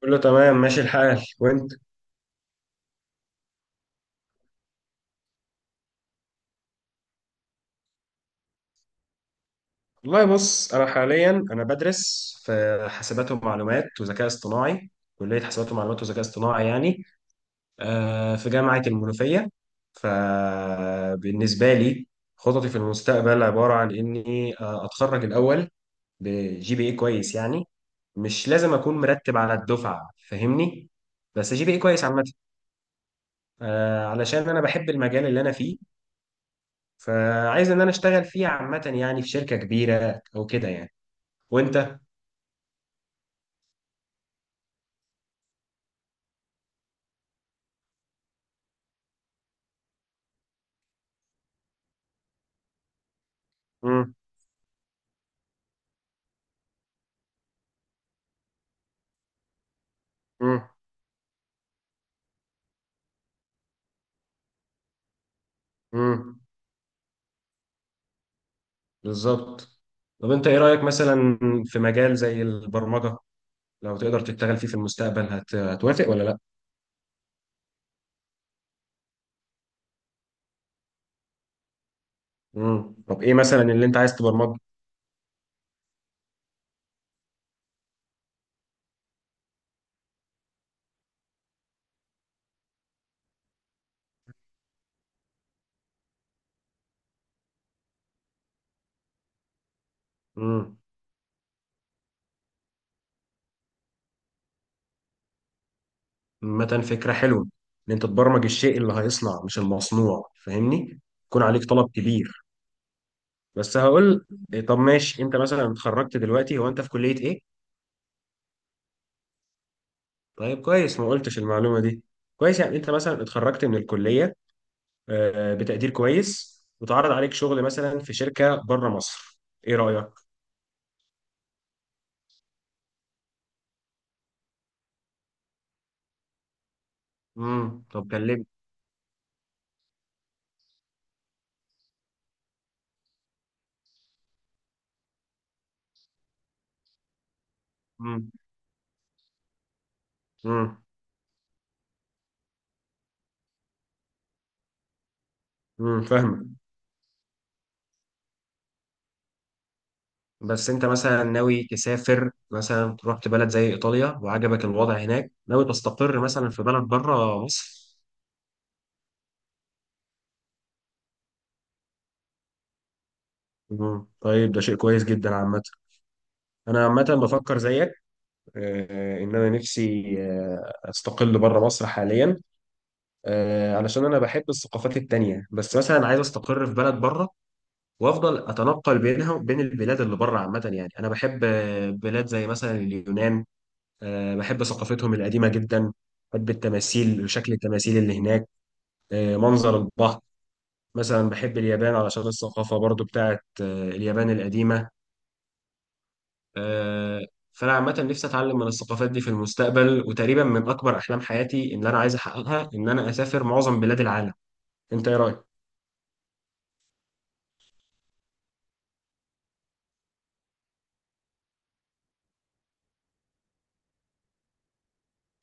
كله تمام ماشي الحال، وانت؟ والله بص، انا حاليا بدرس في حاسبات ومعلومات وذكاء اصطناعي. كلية حاسبات ومعلومات وذكاء اصطناعي يعني، في جامعة المنوفية. فبالنسبة لي، خططي في المستقبل عبارة عن اني اتخرج الاول، بجي بي اي كويس يعني. مش لازم اكون مرتب على الدفعة فاهمني، بس جي بي اي كويس عامة. علشان انا بحب المجال اللي انا فيه، فعايز ان انا اشتغل فيه عامة يعني، في شركة كبيرة او كده يعني. وانت؟ مم. مم. مم. بالظبط. طب انت ايه رأيك مثلا في مجال زي البرمجة؟ لو تقدر تشتغل فيه في المستقبل، هتوافق ولا لا؟ مم. طب ايه مثلا اللي انت عايز تبرمجه؟ مم. مثلا فكرة حلوة، ان انت تبرمج الشيء اللي هيصنع، مش المصنوع، فاهمني. يكون عليك طلب كبير. بس هقول إيه، طب ماشي، انت مثلا اتخرجت دلوقتي، هو انت في كلية ايه؟ طيب كويس، ما قلتش المعلومة دي. كويس، يعني انت مثلا اتخرجت من الكلية بتقدير كويس، وتعرض عليك شغل مثلا في شركة بره مصر، ايه رأيك؟ طب كلمني. امم امم فاهمك. بس انت مثلا ناوي تسافر، مثلا رحت بلد زي ايطاليا وعجبك الوضع هناك، ناوي تستقر مثلا في بلد بره مصر؟ مم. طيب ده شيء كويس جدا عامة. أنا عامة بفكر زيك، إن أنا نفسي أستقل بره مصر حاليا، علشان أنا بحب الثقافات التانية. بس مثلا عايز أستقر في بلد بره، وافضل اتنقل بينها وبين البلاد اللي بره عامه. يعني انا بحب بلاد زي مثلا اليونان. بحب ثقافتهم القديمه جدا. بحب التماثيل، شكل التماثيل اللي هناك. منظر البحر. مثلا بحب اليابان علشان الثقافه برضو بتاعت اليابان القديمه. آه، فانا عامه نفسي اتعلم من الثقافات دي في المستقبل. وتقريبا من اكبر احلام حياتي ان انا عايز احققها، ان انا اسافر معظم بلاد العالم. انت ايه رايك؟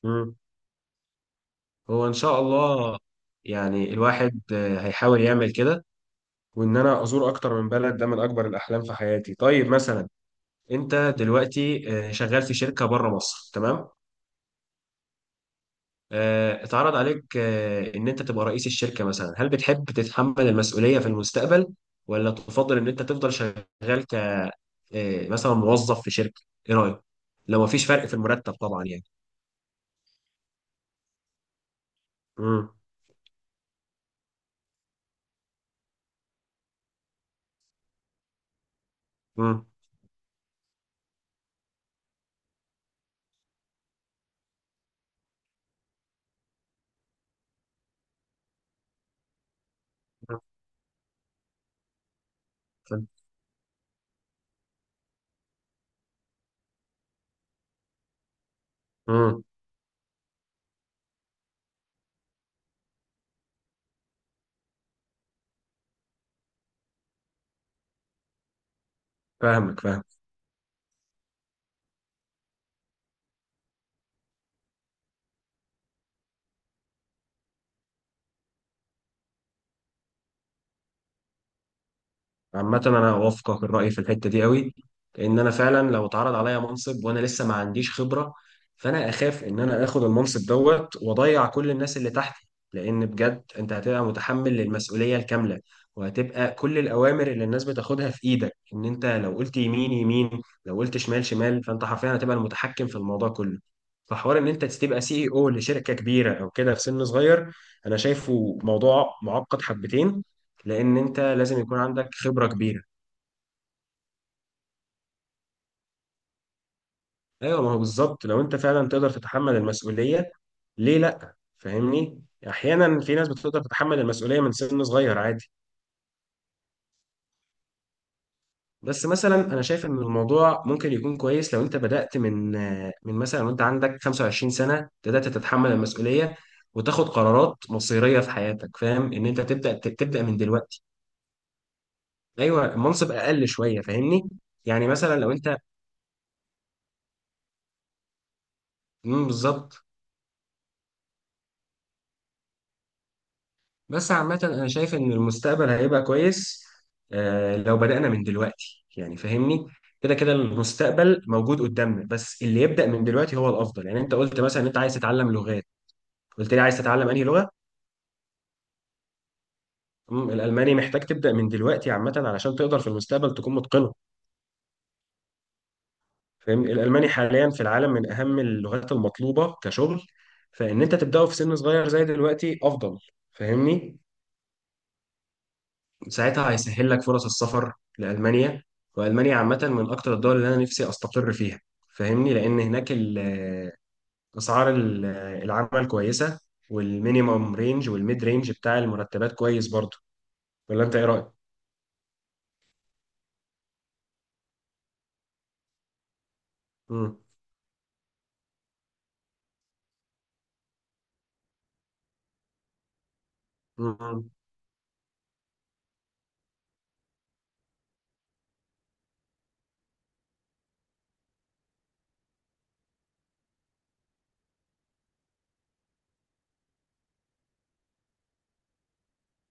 مم. هو ان شاء الله، يعني الواحد هيحاول يعمل كده. وان انا ازور اكتر من بلد، ده من اكبر الاحلام في حياتي. طيب مثلا، انت دلوقتي شغال في شركه بره مصر، تمام. اتعرض عليك ان انت تبقى رئيس الشركه مثلا، هل بتحب تتحمل المسؤوليه في المستقبل، ولا تفضل ان انت تفضل شغال مثلا موظف في شركه؟ ايه رايك؟ لو مفيش فرق في المرتب طبعا يعني. امم امم امم فاهمك فاهمك. عامة أنا أوافقك الرأي في الحتة دي قوي، لأن أنا فعلا لو اتعرض عليا منصب وأنا لسه ما عنديش خبرة، فأنا أخاف إن أنا آخد المنصب دوت وأضيع كل الناس اللي تحتي. لأن بجد أنت هتبقى متحمل للمسؤولية الكاملة، وهتبقى كل الأوامر اللي الناس بتاخدها في إيدك. إن أنت لو قلت يمين يمين، لو قلت شمال شمال، فأنت حرفيا هتبقى المتحكم في الموضوع كله. فحوار إن أنت تبقى سي إي أو لشركة كبيرة أو كده في سن صغير، أنا شايفه موضوع معقد حبتين، لان انت لازم يكون عندك خبرة كبيرة. ايوه، ما هو بالظبط، لو انت فعلا تقدر تتحمل المسؤولية، ليه لا فاهمني؟ احيانا في ناس بتقدر تتحمل المسؤولية من سن صغير عادي. بس مثلا انا شايف ان الموضوع ممكن يكون كويس لو انت بدأت من، مثلا وانت عندك 25 سنة بدأت تتحمل المسؤولية وتاخد قرارات مصيرية في حياتك. فاهم ان انت تبدأ من دلوقتي. ايوه، المنصب اقل شوية فاهمني. يعني مثلا لو انت، مم، بالظبط. بس عامة أنا شايف إن المستقبل هيبقى كويس، لو بدأنا من دلوقتي يعني فاهمني. كده كده المستقبل موجود قدامنا، بس اللي يبدأ من دلوقتي هو الأفضل. يعني أنت قلت مثلا إن أنت عايز تتعلم لغات، قلت لي عايز تتعلم أنهي لغة؟ مم، الألماني محتاج تبدأ من دلوقتي عامة علشان تقدر في المستقبل تكون متقنه، فاهمني. الألماني حاليا في العالم من أهم اللغات المطلوبة كشغل. فإن أنت تبدأه في سن صغير زي دلوقتي أفضل، فاهمني. ساعتها هيسهل لك فرص السفر لألمانيا. وألمانيا عامة من أكتر الدول اللي أنا نفسي أستقر فيها، فاهمني. لأن هناك أسعار العمل كويسة، والمينيمم رينج والميد رينج بتاع المرتبات كويس برضه. ولا أنت إيه رأيك؟ مم. مم.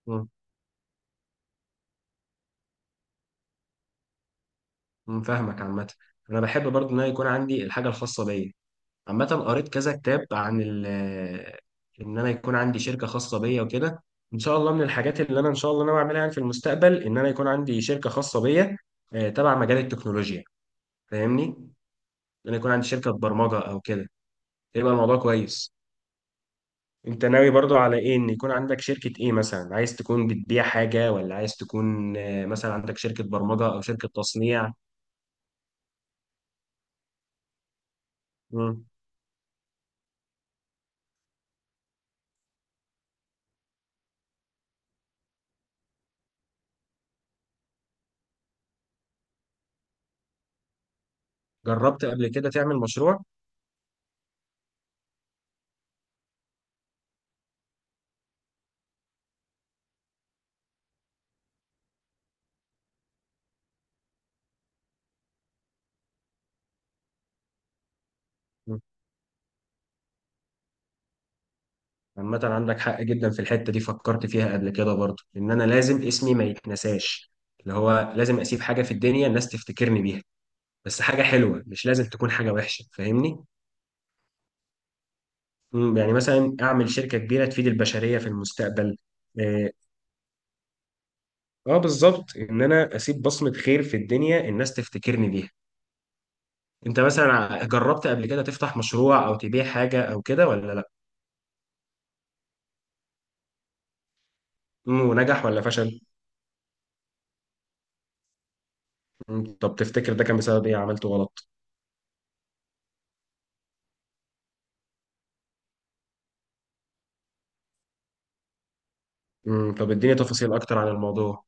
مم. مم. فاهمك عامة. أنا بحب برضه إن أنا يكون عندي الحاجة الخاصة بيا. عامة قريت كذا كتاب عن ال، إن أنا يكون عندي شركة خاصة بيا وكده. إن شاء الله من الحاجات اللي أنا إن شاء الله ناوي أعملها يعني في المستقبل، إن أنا يكون عندي شركة خاصة بيا تبع مجال التكنولوجيا. فاهمني؟ إن أنا يكون عندي شركة برمجة أو كده، يبقى الموضوع كويس. أنت ناوي برضو على إيه؟ إن يكون عندك شركة إيه مثلا؟ عايز تكون بتبيع حاجة، ولا عايز تكون مثلا عندك شركة برمجة أو شركة تصنيع؟ مم. جربت قبل كده تعمل مشروع؟ عامة عندك حق جدا في الحتة دي، فكرت فيها قبل كده برضه، إن أنا لازم اسمي ما يتنساش، اللي هو لازم أسيب حاجة في الدنيا الناس تفتكرني بيها، بس حاجة حلوة، مش لازم تكون حاجة وحشة، فاهمني؟ مم، يعني مثلا أعمل شركة كبيرة تفيد البشرية في المستقبل. آه. بالظبط، إن أنا أسيب بصمة خير في الدنيا الناس تفتكرني بيها. أنت مثلا جربت قبل كده تفتح مشروع أو تبيع حاجة أو كده ولا لأ؟ مم، ونجح ولا فشل؟ مم، طب تفتكر ده كان بسبب إيه؟ عملته غلط؟ مم، طب إديني تفاصيل أكتر عن الموضوع.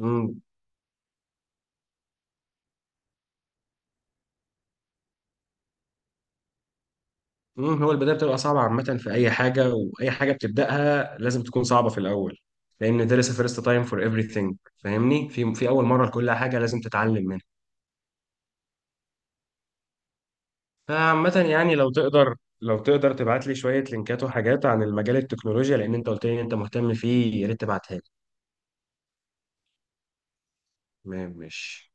امم هو البدايه بتبقى صعبه عامه، في اي حاجه، واي حاجه بتبداها لازم تكون صعبه في الاول. لان there is a first time for everything. فاهمني، في اول مره لكل حاجه لازم تتعلم منها. فعامه يعني، لو تقدر تبعت لي شويه لينكات وحاجات عن المجال التكنولوجيا، لان انت قلت لي ان انت مهتم فيه، يا ريت تبعتها لي. تمام ماشي.